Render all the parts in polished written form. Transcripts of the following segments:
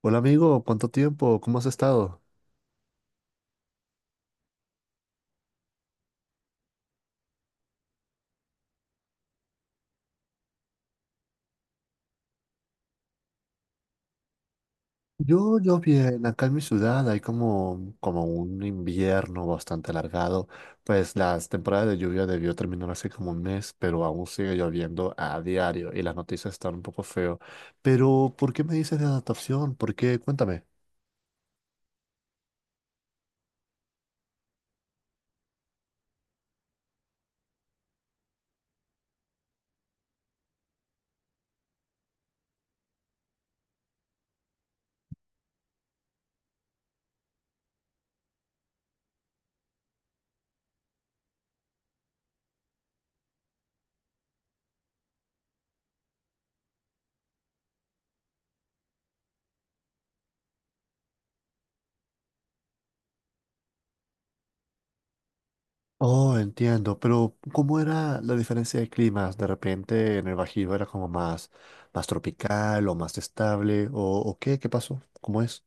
Hola amigo, ¿cuánto tiempo? ¿Cómo has estado? Yo bien, acá en mi ciudad hay como un invierno bastante alargado, pues las temporadas de lluvia debió terminar hace como un mes, pero aún sigue lloviendo a diario y las noticias están un poco feo. Pero, ¿por qué me dices de adaptación? ¿Por qué? Cuéntame. Oh, entiendo, pero ¿cómo era la diferencia de climas? De repente en el Bajío era como más, más tropical o más estable, o qué, ¿qué pasó? ¿Cómo es?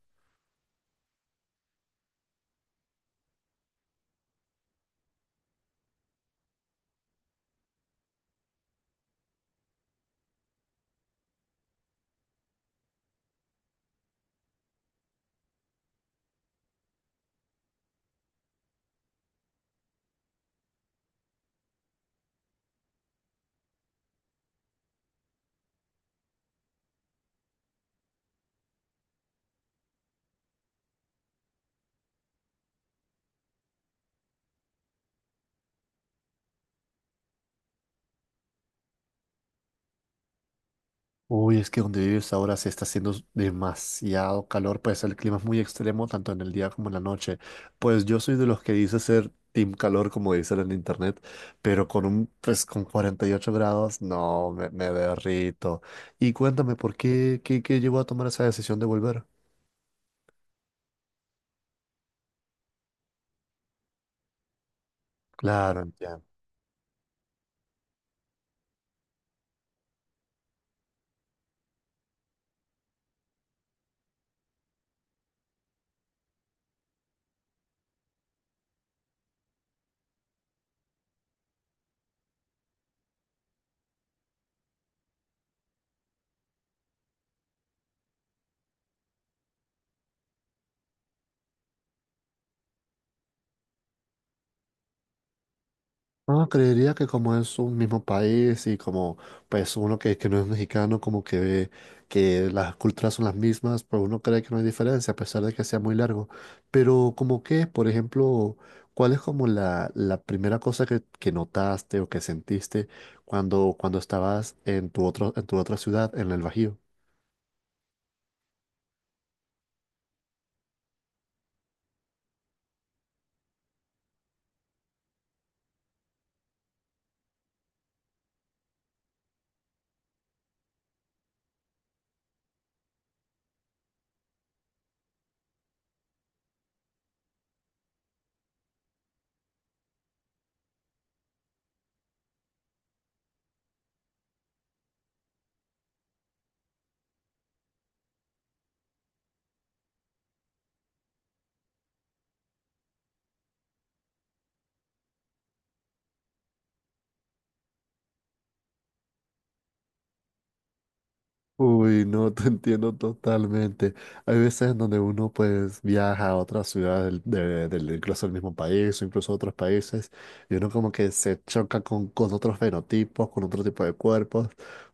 Uy, es que donde vives ahora se está haciendo demasiado calor, pues el clima es muy extremo tanto en el día como en la noche. Pues yo soy de los que dice ser team calor, como dicen en internet, pero con un, pues con 48 grados, no, me derrito. Y cuéntame, ¿por qué, qué llevó a tomar esa decisión de volver? Claro, entiendo. No, creería que como es un mismo país y como pues uno que no es mexicano, como que ve que las culturas son las mismas, pues uno cree que no hay diferencia a pesar de que sea muy largo. Pero como que, por ejemplo, ¿cuál es como la primera cosa que notaste o que sentiste cuando estabas en tu otro, en tu otra ciudad, en el Bajío? Uy, no, te entiendo totalmente. Hay veces en donde uno pues viaja a otras ciudades del incluso del mismo país o incluso a otros países y uno como que se choca con otros fenotipos, con otro tipo de cuerpos.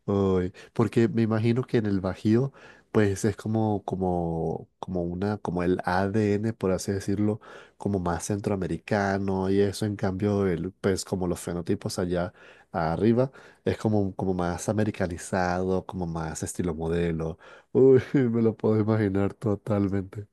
Uy, porque me imagino que en el Bajío pues es como una, como el ADN, por así decirlo, como más centroamericano y eso en cambio el, pues como los fenotipos allá arriba es como, como más americanizado, como más estilo modelo. Uy, me lo puedo imaginar totalmente.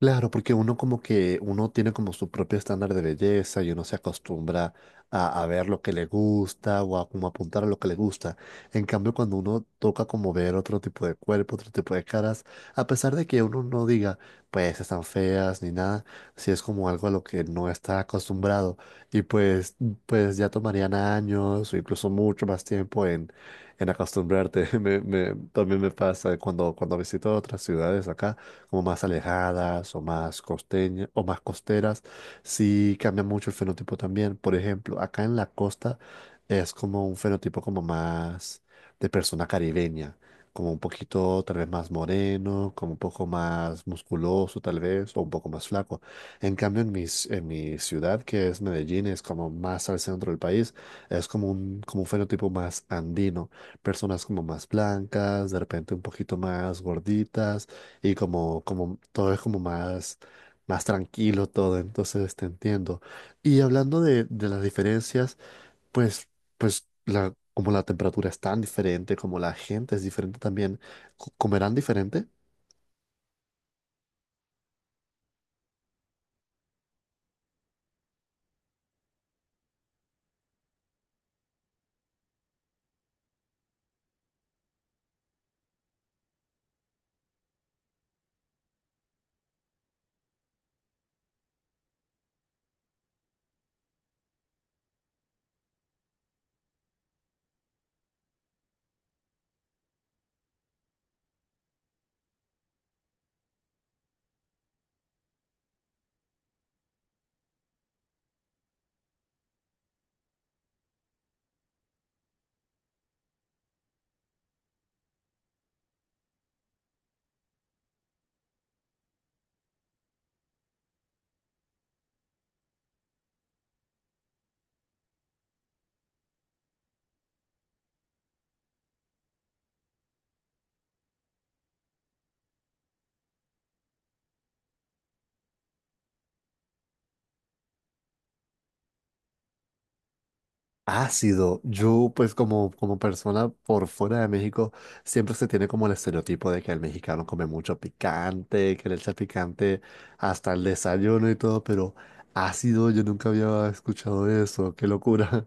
Claro, porque uno como que uno tiene como su propio estándar de belleza y uno se acostumbra a ver lo que le gusta o a como apuntar a lo que le gusta. En cambio, cuando uno toca como ver otro tipo de cuerpo, otro tipo de caras, a pesar de que uno no diga, pues están feas ni nada, si es como algo a lo que no está acostumbrado y pues, pues ya tomarían años o incluso mucho más tiempo en acostumbrarte. También me pasa cuando visito otras ciudades acá como más alejadas o más costeñas o más costeras, sí cambia mucho el fenotipo también. Por ejemplo, acá en la costa es como un fenotipo como más de persona caribeña, como un poquito tal vez más moreno, como un poco más musculoso tal vez, o un poco más flaco. En cambio, en mi ciudad, que es Medellín, es como más al centro del país, es como un fenotipo más andino, personas como más blancas, de repente un poquito más gorditas y como, como todo es como más, más tranquilo todo, entonces te entiendo. Y hablando de las diferencias, pues, pues la, como la temperatura es tan diferente, como la gente es diferente también, ¿comerán diferente? Ácido. Yo, pues como, como persona por fuera de México, siempre se tiene como el estereotipo de que el mexicano come mucho picante, que le echa picante hasta el desayuno y todo, pero ácido, yo nunca había escuchado eso, qué locura.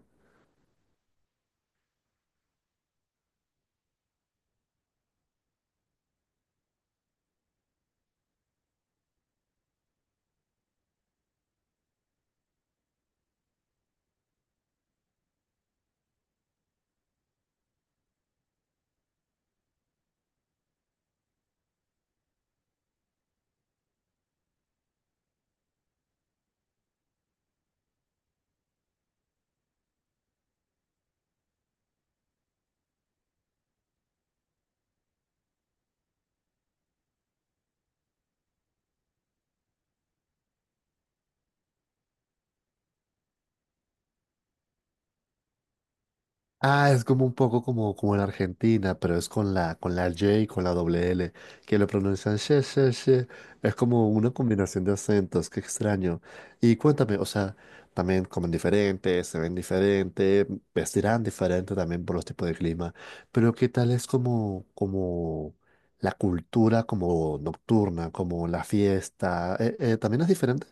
Ah, es como un poco como, como en Argentina, pero es con la J y con la doble L, que lo pronuncian she, she, she. Es como una combinación de acentos, qué extraño. Y cuéntame, o sea, también comen diferente, se ven diferente, vestirán diferente también por los tipos de clima, pero ¿qué tal es como la cultura como nocturna, como la fiesta? ¿También es diferente?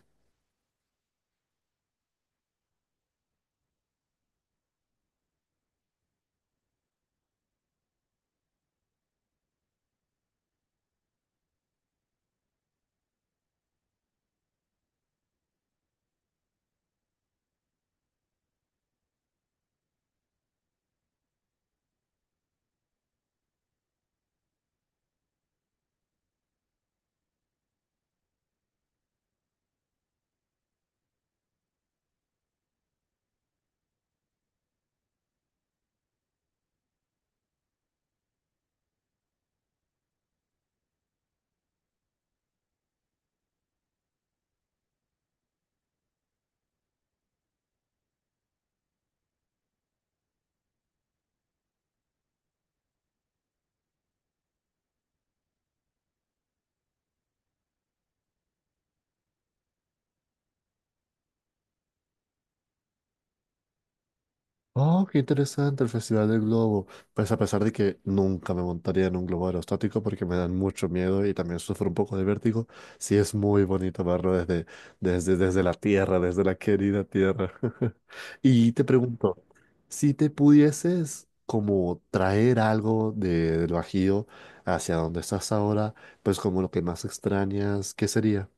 Oh, qué interesante el Festival del Globo. Pues a pesar de que nunca me montaría en un globo aerostático porque me dan mucho miedo y también sufro un poco de vértigo, sí es muy bonito verlo desde la tierra, desde la querida tierra. Y te pregunto, si te pudieses como traer algo de, del Bajío hacia donde estás ahora, pues como lo que más extrañas, ¿qué sería?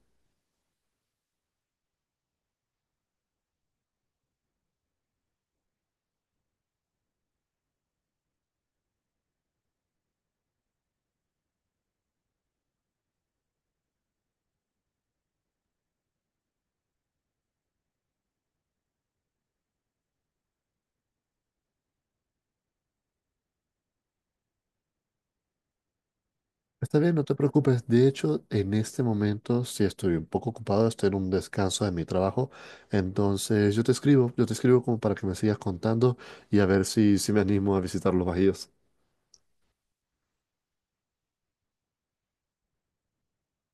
Está bien, no te preocupes. De hecho, en este momento sí estoy un poco ocupado, estoy en un descanso de mi trabajo. Entonces yo te escribo como para que me sigas contando y a ver si, si me animo a visitar los bajíos.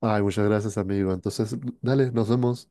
Ay, muchas gracias, amigo. Entonces, dale, nos vemos.